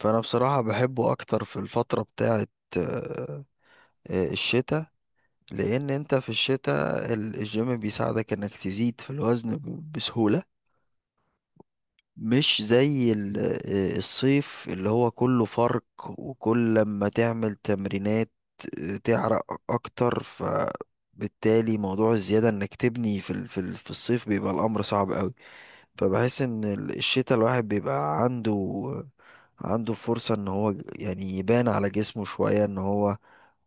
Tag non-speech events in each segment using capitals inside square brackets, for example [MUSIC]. فانا بصراحة بحبه اكتر في الفترة بتاعت آه، الشتاء. لان انت في الشتاء الجيم بيساعدك انك تزيد في الوزن بسهولة، مش زي الصيف اللي هو كله فرق. وكل ما تعمل تمرينات تعرق اكتر، فبالتالي موضوع الزيادة انك تبني في الصيف بيبقى الامر صعب قوي. فبحس ان الشتا الواحد بيبقى عنده فرصة ان هو يعني يبان على جسمه شوية،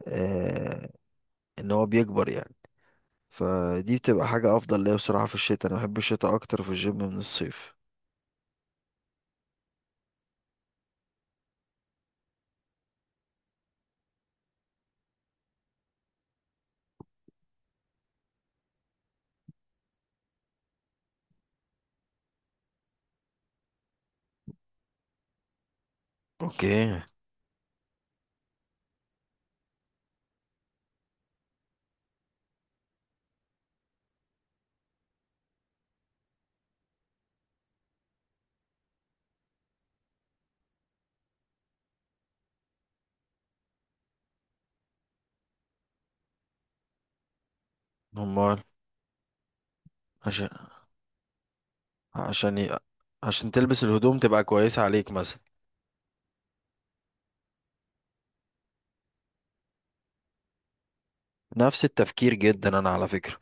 آه ان هو بيكبر يعني. فدي بتبقى حاجة افضل ليا بصراحة، في الشتا انا بحب الشتا اكتر في الجيم من الصيف. اوكي. امال. عشان عشان ي... عشان تلبس الهدوم تبقى كويسة عليك مثلا. نفس التفكير جدا انا على فكرة،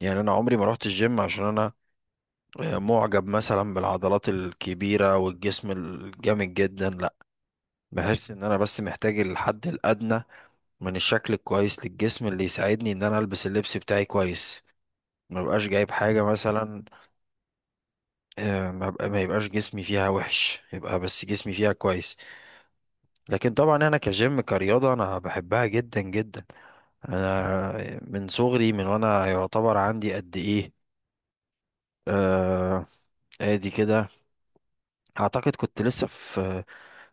يعني انا عمري ما رحت الجيم عشان انا معجب مثلا بالعضلات الكبيرة والجسم الجامد جدا، لا. بحس ان انا بس محتاج الحد الادنى من الشكل الكويس للجسم اللي يساعدني ان انا البس اللبس بتاعي كويس، ما بقاش جايب حاجة مثلا، ما يبقاش جسمي فيها وحش، يبقى بس جسمي فيها كويس. لكن طبعا انا كجيم كرياضة انا بحبها جدا جدا. انا من صغري، من وانا يعتبر عندي قد ايه، آه ادي كده. اعتقد كنت لسه في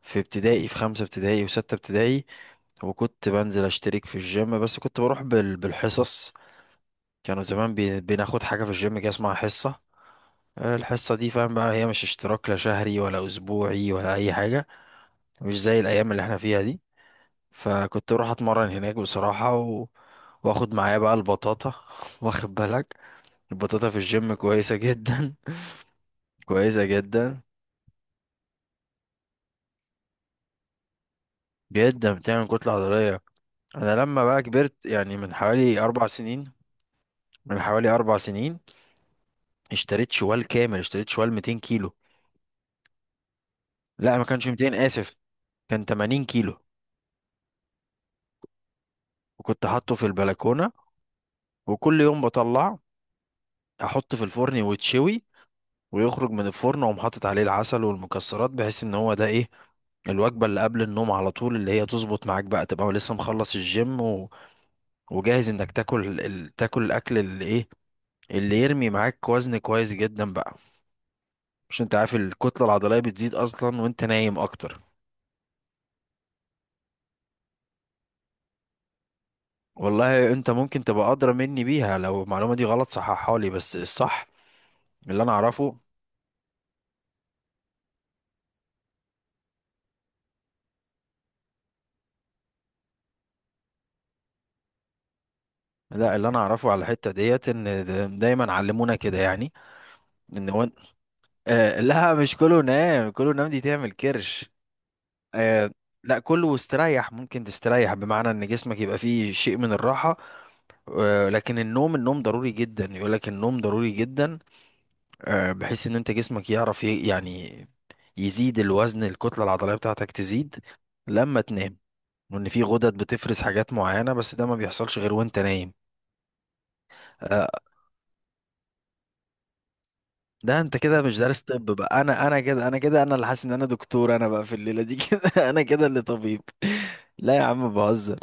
في ابتدائي، في خمسة ابتدائي وستة ابتدائي، وكنت بنزل اشترك في الجيم، بس كنت بروح بالحصص. كانوا زمان بناخد حاجة في الجيم كده اسمها حصة. الحصة دي فاهم بقى، هي مش اشتراك لا شهري ولا أسبوعي ولا أي حاجة، مش زي الأيام اللي احنا فيها دي. فكنت أروح أتمرن هناك بصراحة واخد معايا بقى البطاطا [LAUGHS] واخد بالك، البطاطا في الجيم كويسة جدا. [LAUGHS] كويسة جدا، جدا بتعمل كتلة عضلية. أنا لما بقى كبرت يعني، من حوالي أربع سنين، من حوالي أربع سنين اشتريت شوال كامل، اشتريت شوال 200 كيلو. لا ما كانش 200، آسف، كان 80 كيلو. وكنت حاطه في البلكونة، وكل يوم بطلعه احط في الفرن ويتشوي، ويخرج من الفرن واقوم حاطط عليه العسل والمكسرات، بحيث ان هو ده ايه، الوجبة اللي قبل النوم على طول، اللي هي تظبط معاك بقى، تبقى لسه مخلص الجيم وجاهز انك تاكل تاكل الاكل اللي ايه، اللي يرمي معاك وزن كويس جدا بقى. مش انت عارف الكتلة العضلية بتزيد اصلا وانت نايم اكتر. والله انت ممكن تبقى ادرى مني بيها، لو المعلومة دي غلط صححها لي، بس الصح اللي انا اعرفه. لا، اللي انا اعرفه على الحته ديت، ان دايما علمونا كده، يعني. ان وان... لا، مش كله نام، كله نام دي تعمل كرش. آه لا، كله استريح، ممكن تستريح بمعنى ان جسمك يبقى فيه شيء من الراحه. لكن النوم، النوم ضروري جدا، يقول لك النوم ضروري جدا. بحيث ان انت جسمك يعرف يعني يزيد الوزن، الكتله العضليه بتاعتك تزيد لما تنام. وان في غدد بتفرز حاجات معينه، بس ده ما بيحصلش غير وانت نايم. آه، ده انت كده مش دارس طب بقى. انا اللي حاسس ان انا دكتور، انا بقى في الليله دي كده [LAUGHS] انا كده اللي طبيب. لا يا عم بهزر.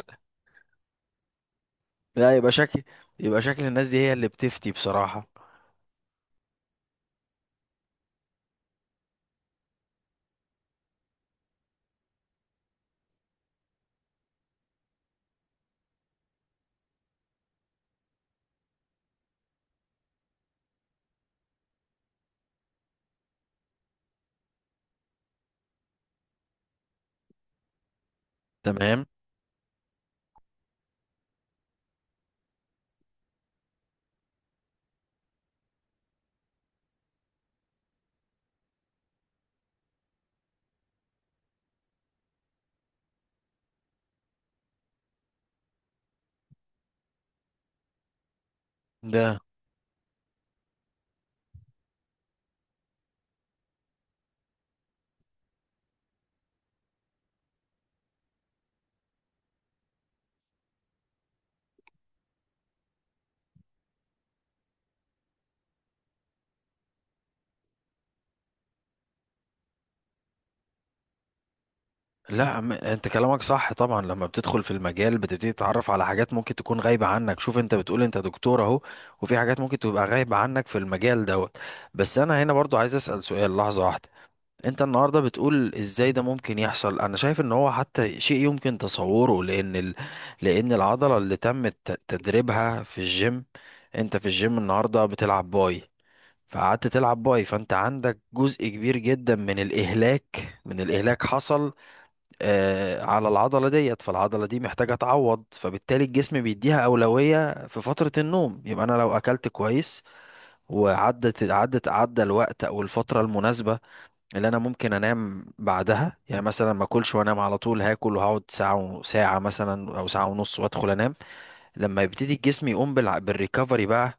لا، يبقى شكل الناس دي هي اللي بتفتي بصراحه. تمام. ده، لا انت كلامك صح طبعا، لما بتدخل في المجال بتبتدي تتعرف على حاجات ممكن تكون غايبه عنك. شوف، انت بتقول انت دكتور اهو، وفي حاجات ممكن تبقى غايبه عنك في المجال دوت. بس انا هنا برضو عايز اسال سؤال، لحظه واحده. انت النهارده بتقول ازاي ده ممكن يحصل؟ انا شايف ان هو حتى شيء يمكن تصوره، لان لان العضله اللي تم تدريبها في الجيم. انت في الجيم النهارده بتلعب باي، فقعدت تلعب باي، فانت عندك جزء كبير جدا من الاهلاك، حصل على العضله ديت، فالعضله دي محتاجه تعوض. فبالتالي الجسم بيديها اولويه في فتره النوم، يبقى انا لو اكلت كويس وعدت عدت عدى الوقت او الفتره المناسبه اللي انا ممكن انام بعدها، يعني مثلا ما اكلش وانام على طول، هاكل وهقعد ساعه ساعه مثلا، او ساعه ونص وادخل انام. لما يبتدي الجسم يقوم بالريكفري بقى،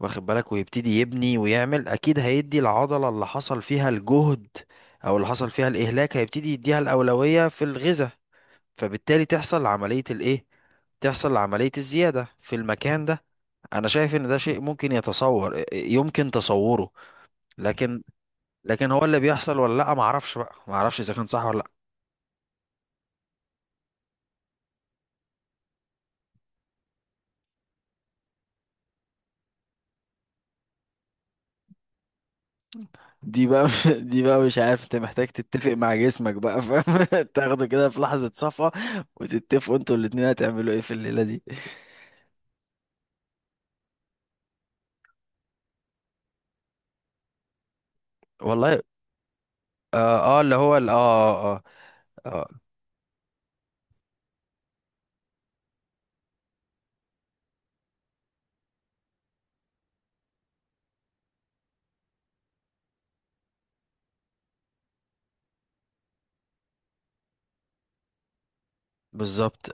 واخد بالك، ويبتدي يبني ويعمل، اكيد هيدي العضله اللي حصل فيها الجهد او اللي حصل فيها الاهلاك، هيبتدي يديها الاولويه في الغذاء. فبالتالي تحصل عمليه الايه، تحصل عمليه الزياده في المكان ده. انا شايف ان ده شيء ممكن يتصور يمكن تصوره. لكن لكن هو اللي بيحصل ولا لا، ما اعرفش بقى، ما اعرفش اذا كان صح ولا لا. دي بقى [LAUGHS] دي بقى مش عارف، انت محتاج تتفق مع جسمك بقى، فاهم؟ [LAUGHS] تاخده كده في لحظة صفا، وتتفقوا انتوا الاتنين هتعملوا ايه في الليلة دي. والله. اه, آه اللي هو ال- اه اه, آه آه، بالظبط.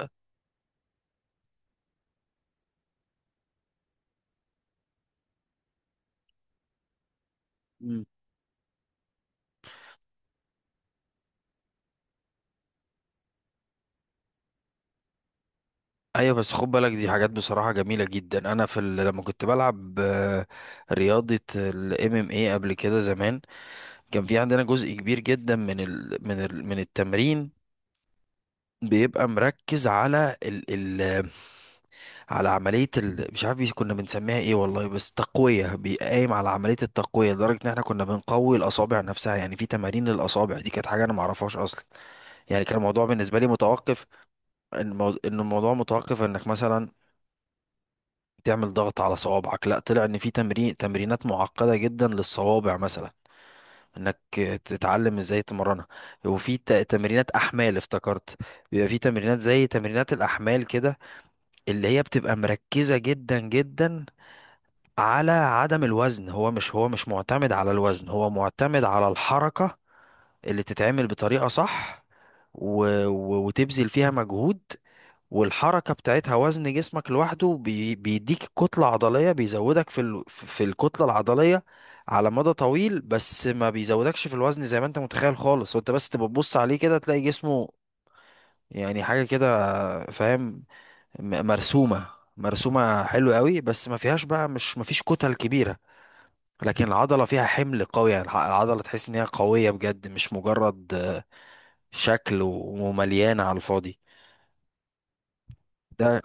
مم. ايوه، بس خد بالك دي حاجات بصراحه جميله جدا. انا في لما كنت بلعب رياضه الام ام اي قبل كده زمان، كان في عندنا جزء كبير جدا من التمرين بيبقى مركز على عملية مش عارف كنا بنسميها ايه والله، بس تقوية، بيقايم على عملية التقوية، لدرجة ان احنا كنا بنقوي الأصابع نفسها. يعني في تمارين للأصابع، دي كانت حاجة انا معرفهاش أصلا، يعني كان الموضوع بالنسبة لي متوقف. إن الموضوع متوقف انك مثلا تعمل ضغط على صوابعك، لا طلع ان في تمرينات معقدة جدا للصوابع مثلا، انك تتعلم ازاي تمرنها. وفي تمرينات احمال افتكرت، بيبقى في تمرينات زي تمرينات الاحمال كده، اللي هي بتبقى مركزة جدا جدا على عدم الوزن. هو مش معتمد على الوزن، هو معتمد على الحركة اللي تتعمل بطريقة صح و... وتبذل فيها مجهود. والحركة بتاعتها وزن جسمك لوحده بيديك كتلة عضلية، بيزودك في الكتلة العضلية على مدى طويل، بس ما بيزودكش في الوزن زي ما انت متخيل خالص. وانت بس تبقى تبص عليه كده تلاقي جسمه يعني حاجة كده، فاهم؟ م- مرسومة مرسومة حلو قوي، بس ما فيهاش بقى، مش ما فيش كتل كبيرة. لكن العضلة فيها حمل قوي، يعني العضلة تحس ان هي قوية بجد، مش مجرد شكل ومليانة على الفاضي. ده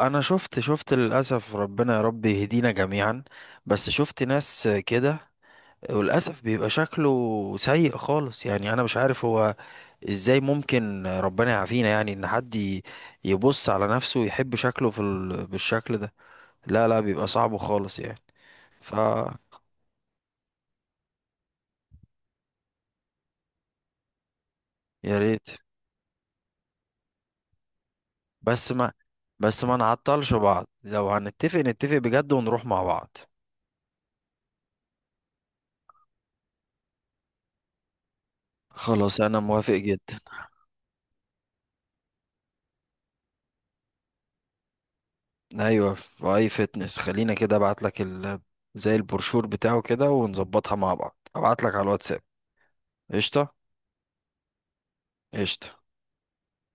انا شفت للأسف، ربنا يا رب يهدينا جميعا. بس شفت ناس كده، وللأسف بيبقى شكله سيء خالص. يعني انا مش عارف هو ازاي ممكن، ربنا يعافينا، يعني ان حد يبص على نفسه ويحب شكله بالشكل ده. لا لا، بيبقى صعب خالص يعني. ف يا ريت. بس ما بس ما نعطلش بعض، لو هنتفق نتفق بجد ونروح مع بعض. خلاص انا موافق جدا. ايوه في اي فتنس، خلينا كده ابعت لك زي البروشور بتاعه كده ونظبطها مع بعض، ابعت لك على الواتساب. قشطه. قشطه.